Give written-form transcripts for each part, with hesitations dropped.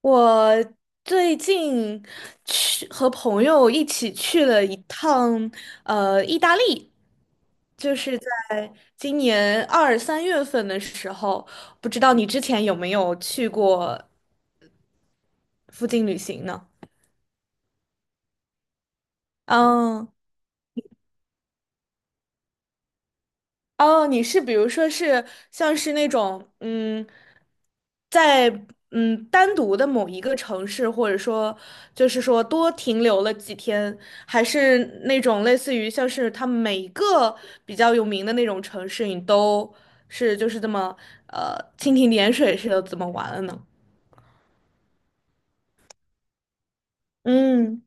我最近去和朋友一起去了一趟意大利，就是在今年二三月份的时候，不知道你之前有没有去过附近旅行呢？嗯。哦，你是比如说是像是那种在单独的某一个城市，或者说就是说多停留了几天，还是那种类似于像是他每一个比较有名的那种城市，你都是就是这么蜻蜓点水似的怎么玩了呢？嗯。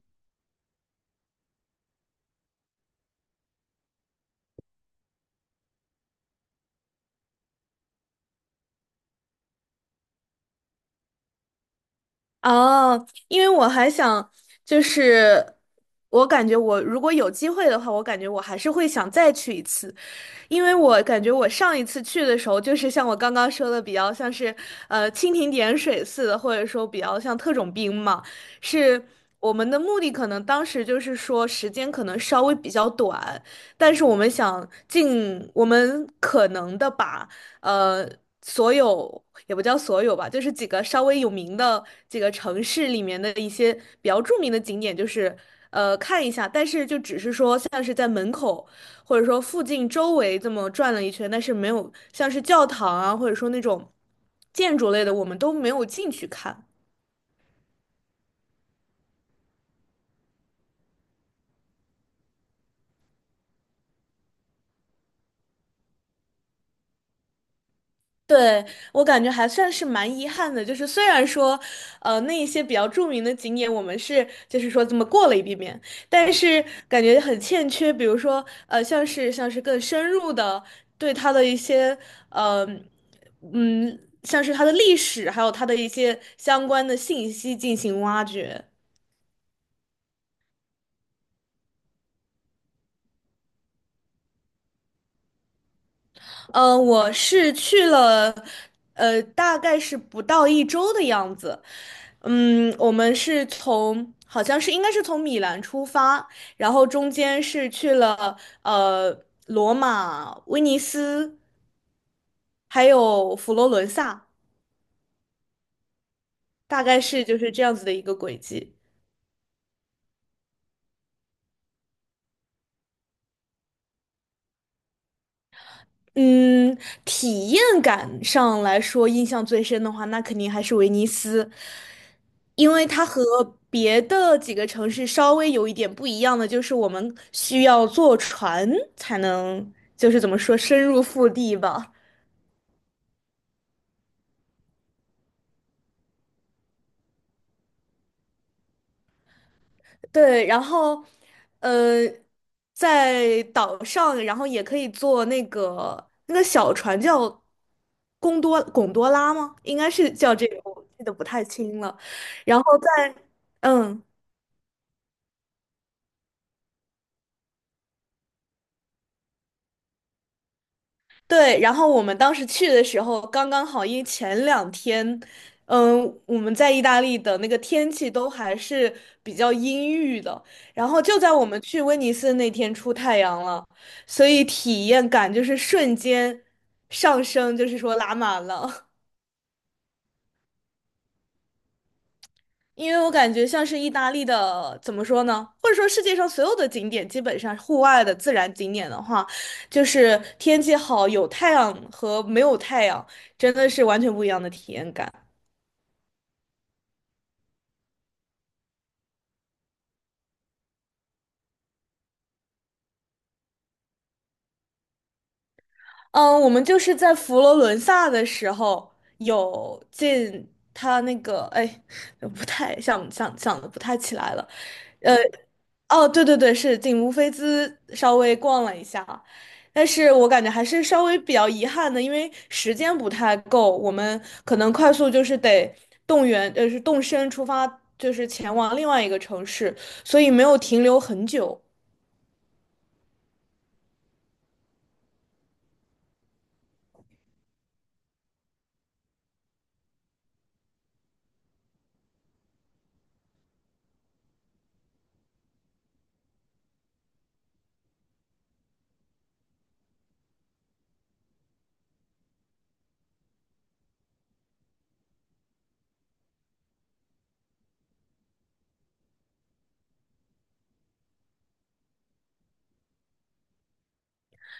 哦，因为我还想，就是我感觉我如果有机会的话，我感觉我还是会想再去一次，因为我感觉我上一次去的时候，就是像我刚刚说的，比较像是蜻蜓点水似的，或者说比较像特种兵嘛，是，我们的目的可能当时就是说时间可能稍微比较短，但是我们想尽我们可能的把呃所有也不叫所有吧，就是几个稍微有名的几个城市里面的一些比较著名的景点，就是看一下，但是就只是说像是在门口。或者说附近周围这么转了一圈，但是没有像是教堂啊，或者说那种建筑类的，我们都没有进去看。对，我感觉还算是蛮遗憾的，就是虽然说，那一些比较著名的景点我们是就是说这么过了一遍遍，但是感觉很欠缺，比如说，像是更深入的对它的一些，呃，嗯，像是它的历史，还有它的一些相关的信息进行挖掘。嗯，我是去了，大概是不到一周的样子。嗯，我们是从，好像是应该是从米兰出发，然后中间是去了呃罗马、威尼斯，还有佛罗伦萨，大概是就是这样子的一个轨迹。嗯，体验感上来说，印象最深的话，那肯定还是威尼斯，因为它和别的几个城市稍微有一点不一样的，就是我们需要坐船才能，就是怎么说，深入腹地吧。对，然后，呃，在岛上，然后也可以坐那个小船叫贡多拉吗？应该是叫这个，我记得不太清了。然后在嗯。对，然后我们当时去的时候，刚刚好，因为前两天，我们在意大利的那个天气都还是比较阴郁的，然后就在我们去威尼斯那天出太阳了，所以体验感就是瞬间上升，就是说拉满了。因为我感觉像是意大利的，怎么说呢？或者说世界上所有的景点，基本上户外的自然景点的话，就是天气好、有太阳和没有太阳，真的是完全不一样的体验感。嗯，我们就是在佛罗伦萨的时候有进他那个，哎，不太想的不太起来了，呃，哦，对对对，是进乌菲兹稍微逛了一下，但是我感觉还是稍微比较遗憾的，因为时间不太够，我们可能快速就是得动员，是动身出发，就是前往另外一个城市，所以没有停留很久。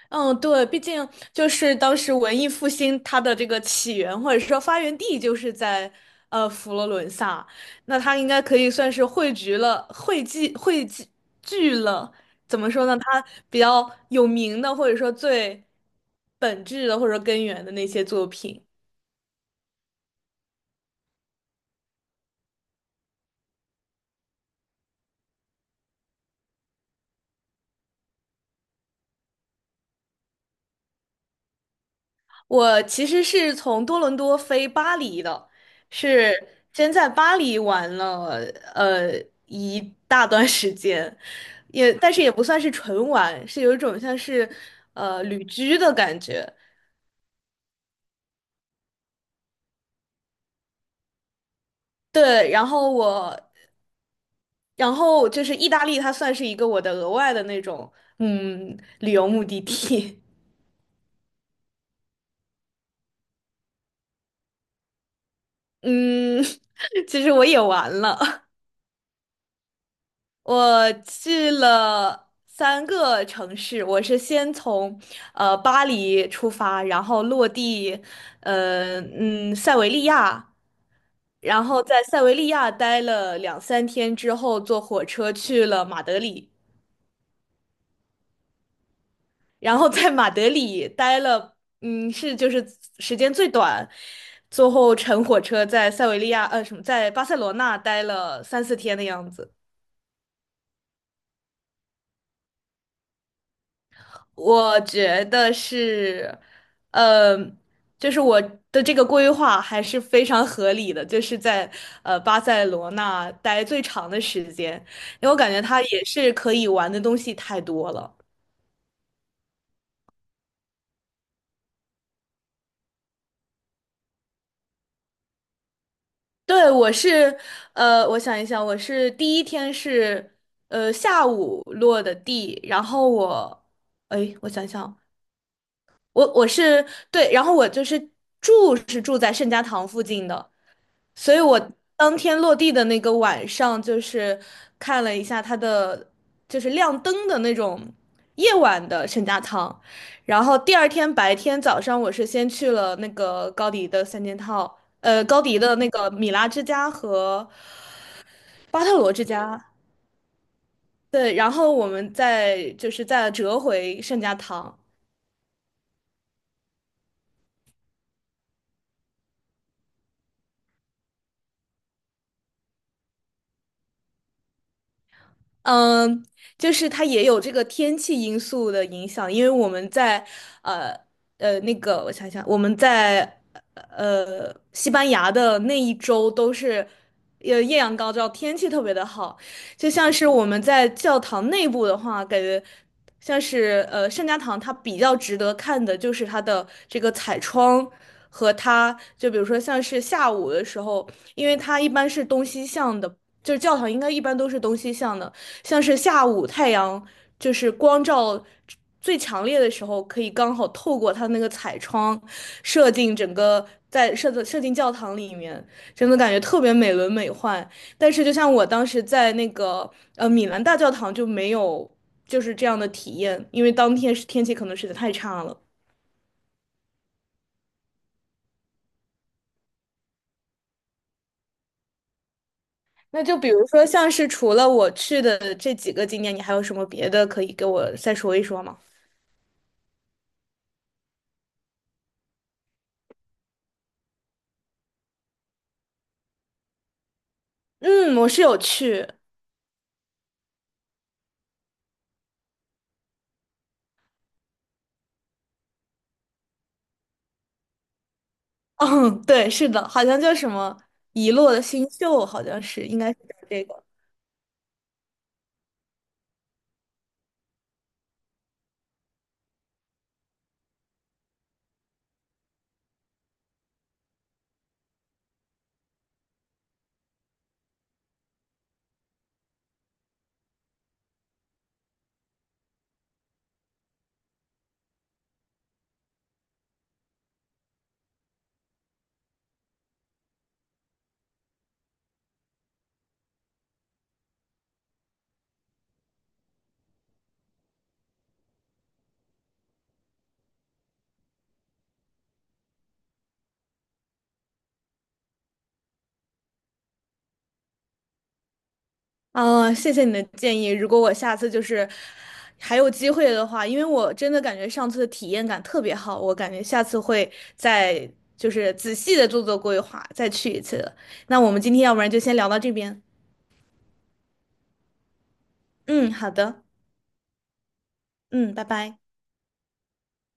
嗯，对，毕竟就是当时文艺复兴它的这个起源或者说发源地就是在佛罗伦萨，那它应该可以算是汇聚了、汇集、汇集聚了，怎么说呢？它比较有名的或者说最本质的或者说根源的那些作品。我其实是从多伦多飞巴黎的，是先在巴黎玩了呃一大段时间，也但是也不算是纯玩，是有一种像是旅居的感觉。对，然后我，然后就是意大利，它算是一个我的额外的那种旅游目的地。嗯，其实我也玩了。我去了三个城市，我是先从巴黎出发，然后落地塞维利亚，然后在塞维利亚待了两三天之后，坐火车去了马德里，然后在马德里待了是就是时间最短，最后乘火车在塞维利亚呃什么在巴塞罗那待了三四天的样子。我觉得是，呃，就是我的这个规划还是非常合理的，就是在巴塞罗那待最长的时间，因为我感觉它也是可以玩的东西太多了。对，我是，我想一想，我是第一天是，下午落的地，然后我，哎，我想想，我是对，然后我就是住是住在圣家堂附近的，所以我当天落地的那个晚上，就是看了一下它的，就是亮灯的那种夜晚的圣家堂，然后第二天白天早上，我是先去了那个高迪的三件套，高迪的那个米拉之家和巴特罗之家。对，然后我们再就是再折回圣家堂。嗯，就是它也有这个天气因素的影响，因为我们在呃那个，我想想，我们在西班牙的那一周都是艳阳高照，天气特别的好，就像是我们在教堂内部的话，感觉像是圣家堂，它比较值得看的就是它的这个彩窗。和它就比如说像是下午的时候，因为它一般是东西向的，就是教堂应该一般都是东西向的，像是下午太阳就是光照最强烈的时候，可以刚好透过它那个彩窗射进整个在射的射进教堂里面，真的感觉特别美轮美奂。但是就像我当时在那个米兰大教堂就没有就是这样的体验，因为当天是天气可能实在太差了。那就比如说，像是除了我去的这几个景点，你还有什么别的可以给我再说一说吗？嗯，我是有去，嗯，对，是的，好像叫什么遗落的新秀，好像是，应该是叫这个。啊，谢谢你的建议。如果我下次就是还有机会的话，因为我真的感觉上次的体验感特别好，我感觉下次会再就是仔细的做做规划，再去一次了。那我们今天要不然就先聊到这边。嗯，好的。嗯，拜拜。